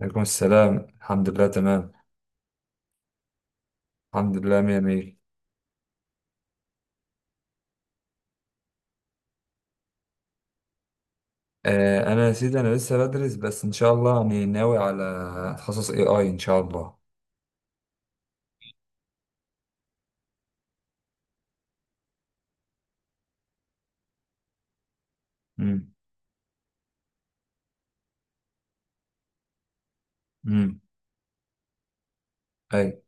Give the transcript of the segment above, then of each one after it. عليكم السلام، الحمد لله تمام. الحمد لله، مية مية. أنا يا سيدي، أنا لسه بدرس، بس إن شاء الله يعني ناوي على تخصص AI، إن شاء الله. امم. امم. أي.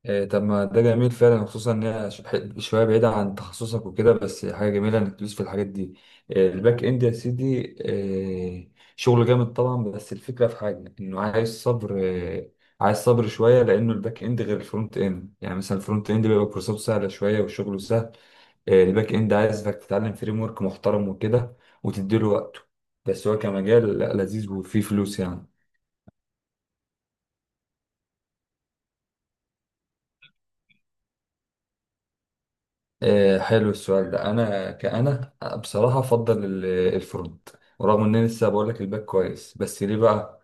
إيه، طب ما ده جميل فعلا، خصوصا ان هي شويه بعيده عن تخصصك وكده، بس حاجه جميله انك تدوس في الحاجات دي. إيه، الباك اند يا سيدي. إيه، شغل جامد طبعا، بس الفكره في حاجه انه عايز صبر عايز صبر شويه، لانه الباك اند غير الفرونت اند، يعني مثلا الفرونت اند بيبقى كورساته سهله شويه وشغله سهل. إيه، الباك اند عايز انك تتعلم فريم ورك محترم وكده، وتديله وقته. بس هو كمجال لا، لذيذ وفيه فلوس يعني. حلو السؤال ده، انا كأنا بصراحة افضل الفرونت. ورغم ان انا لسه بقول لك الباك كويس، بس ليه بقى؟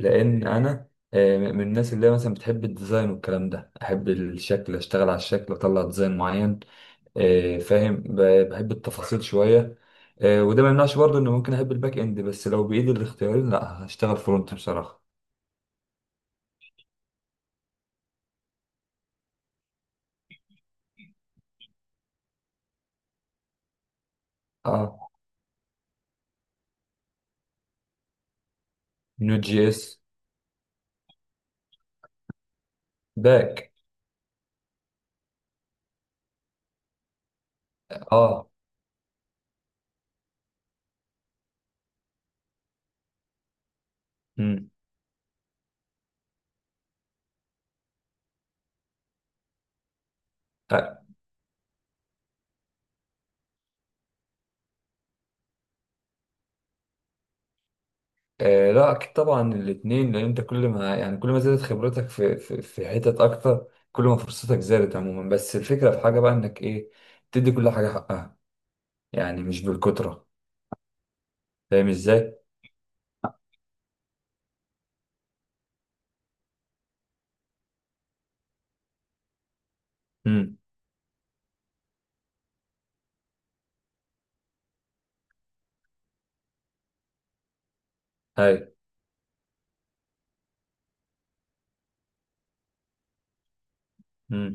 لان انا من الناس اللي هي مثلا بتحب الديزاين والكلام ده، احب الشكل، اشتغل على الشكل واطلع ديزاين معين. فاهم، بحب التفاصيل شوية. وده ما يمنعش برضه ان ممكن احب الباك اند، بس لو بايدي الاختيارين لا، هشتغل فرونت بصراحة. اه. نوت جي اس. باك. اه. مم. آه لا، اكيد طبعا الاثنين، لان انت كل ما، يعني كل ما زادت خبرتك في حتت اكتر، كل ما فرصتك زادت عموما. بس الفكره في حاجه بقى انك ايه، تدي كل حاجه حقها، يعني مش بالكتره. فاهم ازاي؟ امم. هاي.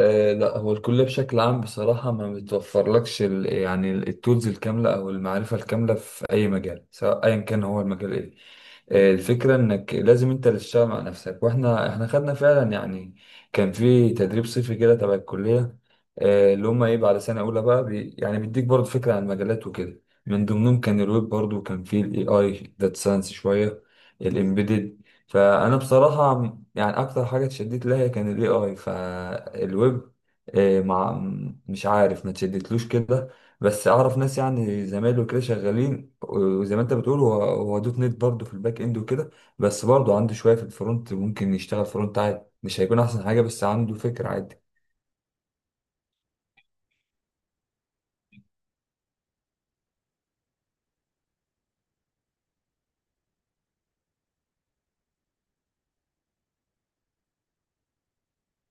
آه لا، هو الكلية بشكل عام بصراحة ما بتوفرلكش يعني التولز الكاملة أو المعرفة الكاملة في أي مجال، سواء أيا كان هو المجال إيه. الفكرة إنك لازم أنت اللي تشتغل مع نفسك. وإحنا خدنا فعلا، يعني كان في تدريب صيفي كده تبع الكلية. اللي هما إيه بعد سنة أولى بقى، بي، يعني بيديك برضه فكرة عن المجالات وكده، من ضمنهم كان الويب برضه، وكان في ال AI، داتا ساينس شوية، الإمبيدد. فأنا بصراحة يعني اكتر حاجه اتشدت لها كان الاي اي فالويب. مع، مش عارف ما تشدتلوش كده. بس اعرف ناس، يعني زمايله كده شغالين، وزي ما انت بتقول هو دوت نت برضه في الباك اند وكده. بس برضه عنده شويه في الفرونت، ممكن يشتغل فرونت عادي، مش هيكون احسن حاجه بس عنده فكره عادي.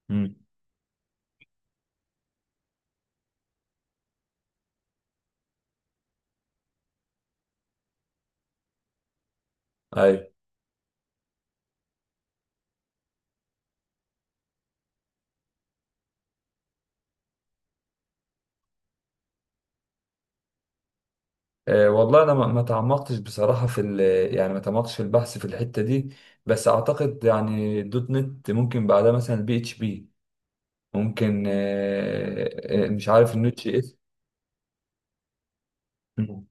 امم. ايوه. أه والله، انا ما تعمقتش بصراحه في يعني ما تعمقتش في البحث في الحته دي. بس اعتقد يعني دوت نت ممكن بعدها مثلا بي اتش بي. ممكن مش عارف النوتش اس. مم.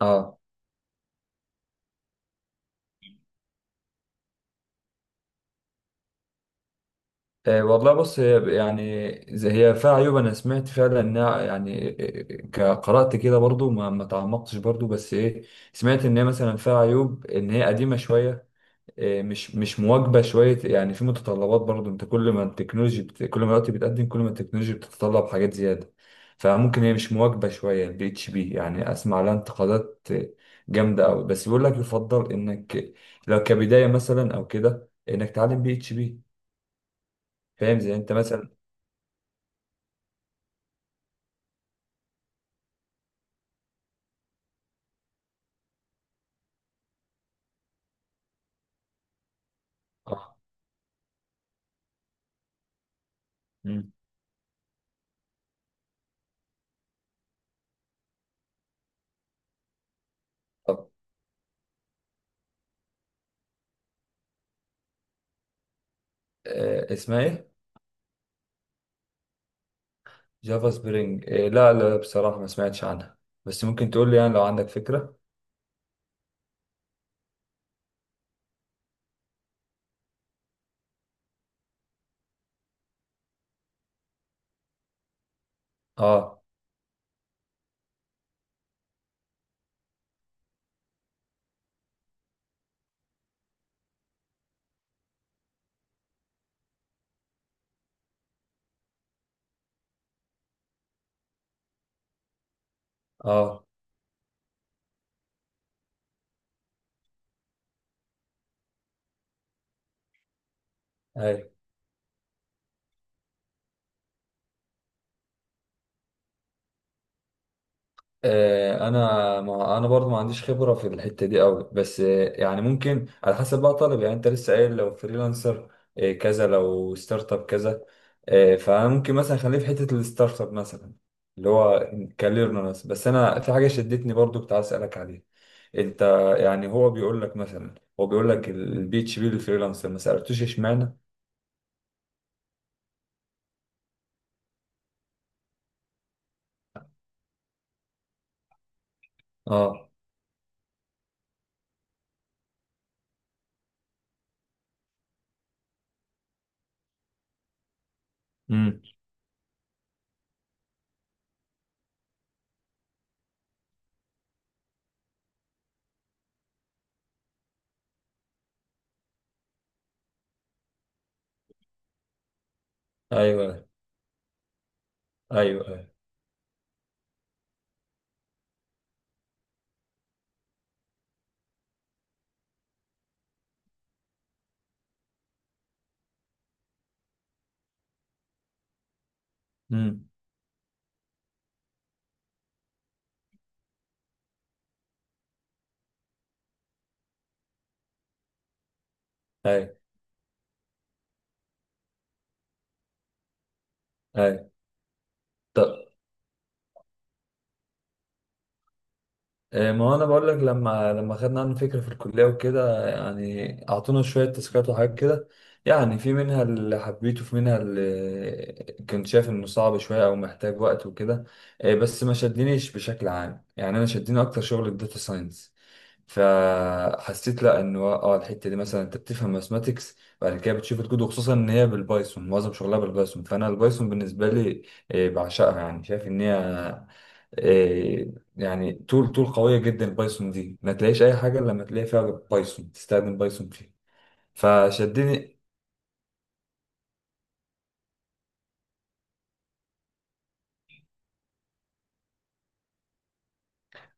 اه. والله بص، هي يعني زي، هي فيها عيوب، انا سمعت فعلا انها يعني قرأت كده برضو، ما تعمقتش برضو، بس ايه. سمعت ان هي مثلا فيها عيوب، ان هي قديمة شوية. مش مواكبه شويه، يعني في متطلبات برضو، انت كل ما التكنولوجي كل ما الوقت بيتقدم، كل ما التكنولوجي بتتطلب حاجات زياده. فممكن هي مش مواكبه شويه البي اتش بي، يعني اسمع لها انتقادات جامده قوي، بس بيقول لك يفضل انك لو كبدايه مثلا او كده انك تعلم بي اتش بي. فاهم، زي انت مثلا. آه، مم. طب، اسمها ايه؟ جافا سبرينج. لا لا بصراحه، ما سمعتش عنها. بس ممكن تقول لي، يعني لو عندك فكره. اه، اه، ايوه. انا، ما انا برضو ما عنديش خبره في الحته دي قوي. بس يعني ممكن على حسب بقى طالب، يعني انت لسه قايل لو فريلانسر كذا، لو ستارت اب كذا. فانا ممكن مثلا خليه في حته الستارت اب مثلا، اللي هو كاريرنا مثلا. بس انا في حاجه شدتني برضو، كنت عايز اسالك عليها. انت يعني هو بيقول لك مثلا، هو بيقول لك البي اتش بي للفريلانسر، ما سالتوش اشمعنى. اه. امم. ايوه، ايوه، ايوه. امم. ايوه، ايوه. ما هو انا بقول لك، لما خدنا عنه فكره في الكليه وكده، يعني اعطونا شويه تاسكات وحاجات كده. يعني في منها اللي حبيته، في منها اللي كنت شايف انه صعب شويه او محتاج وقت وكده. بس ما شدنيش بشكل عام، يعني انا شدني اكتر شغل الداتا ساينس. فحسيت لا، انه الحته دي مثلا انت بتفهم ماثماتكس، بعد كده بتشوف الكود، وخصوصا ان هي بالبايثون، معظم شغلها بالبايثون، فانا البايثون بالنسبه لي بعشقها. يعني شايف ان هي آه، يعني تول، تول قوية جدا، البايثون دي ما تلاقيش أي حاجة إلا لما تلاقي فيها بايثون، تستخدم بايثون فيها. فشدني.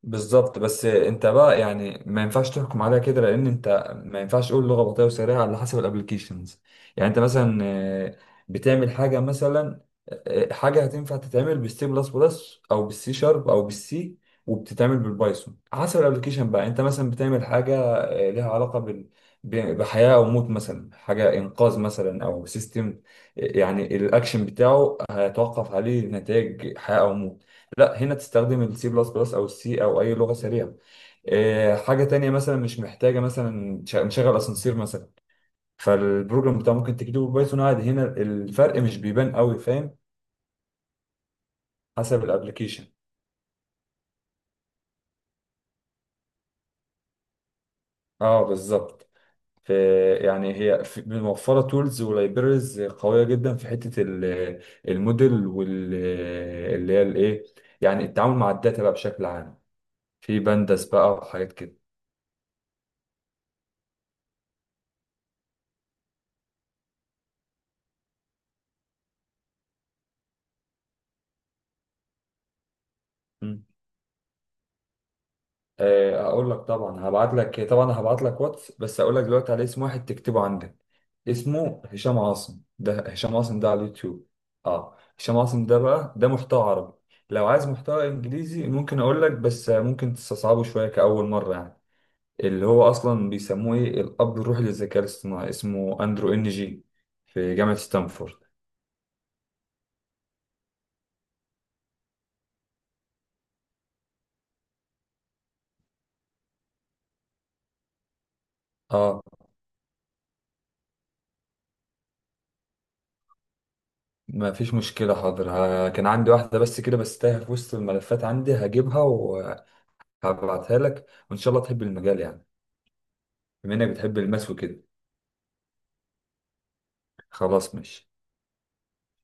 بالظبط، بس انت بقى يعني ما ينفعش تحكم عليها كده، لان انت ما ينفعش تقول لغه بطيئه وسريعه، على حسب الابلكيشنز. يعني انت مثلا بتعمل حاجه مثلا، آه، حاجه هتنفع تتعمل بالسي بلس بلس او بالسي شارب او بالسي، وبتتعمل بالبايثون حسب الابلكيشن. بقى انت مثلا بتعمل حاجه لها علاقه بحياه او موت، مثلا حاجه انقاذ، مثلا او سيستم، يعني الاكشن بتاعه هيتوقف عليه نتائج حياه او موت. لا، هنا تستخدم السي بلس بلس او السي او اي لغه سريعه. حاجه تانية مثلا مش محتاجه مثلا، نشغل اسانسير مثلا، فالبروجرام بتاع ممكن تكتبه بايثون عادي، هنا الفرق مش بيبان قوي، فاهم؟ حسب الابلكيشن. اه بالظبط. ف- يعني هي، موفره تولز ولايبرز قويه جدا في حته الموديل، وال، اللي هي الايه، يعني التعامل مع الداتا بقى بشكل عام، في بندس بقى وحاجات كده. هقول لك، طبعا هبعت لك، طبعا هبعت لك واتس، بس هقول لك دلوقتي على اسم، واحد تكتبه عندك. اسمه هشام عاصم، ده هشام عاصم ده على اليوتيوب. اه، هشام عاصم ده بقى، ده محتوى عربي. لو عايز محتوى انجليزي ممكن اقول لك، بس ممكن تستصعبه شويه كأول مره يعني. اللي هو اصلا بيسموه ايه الاب الروحي للذكاء الاصطناعي، اسمه اندرو ان جي، في جامعه ستانفورد. اه، ما فيش مشكله، حاضر، كان عندي واحده بس كده، بس تايهه في وسط الملفات عندي، هجيبها. هبعتها لك، وان شاء الله تحب المجال يعني. بما انك بتحب الماس وكده. خلاص، ماشي.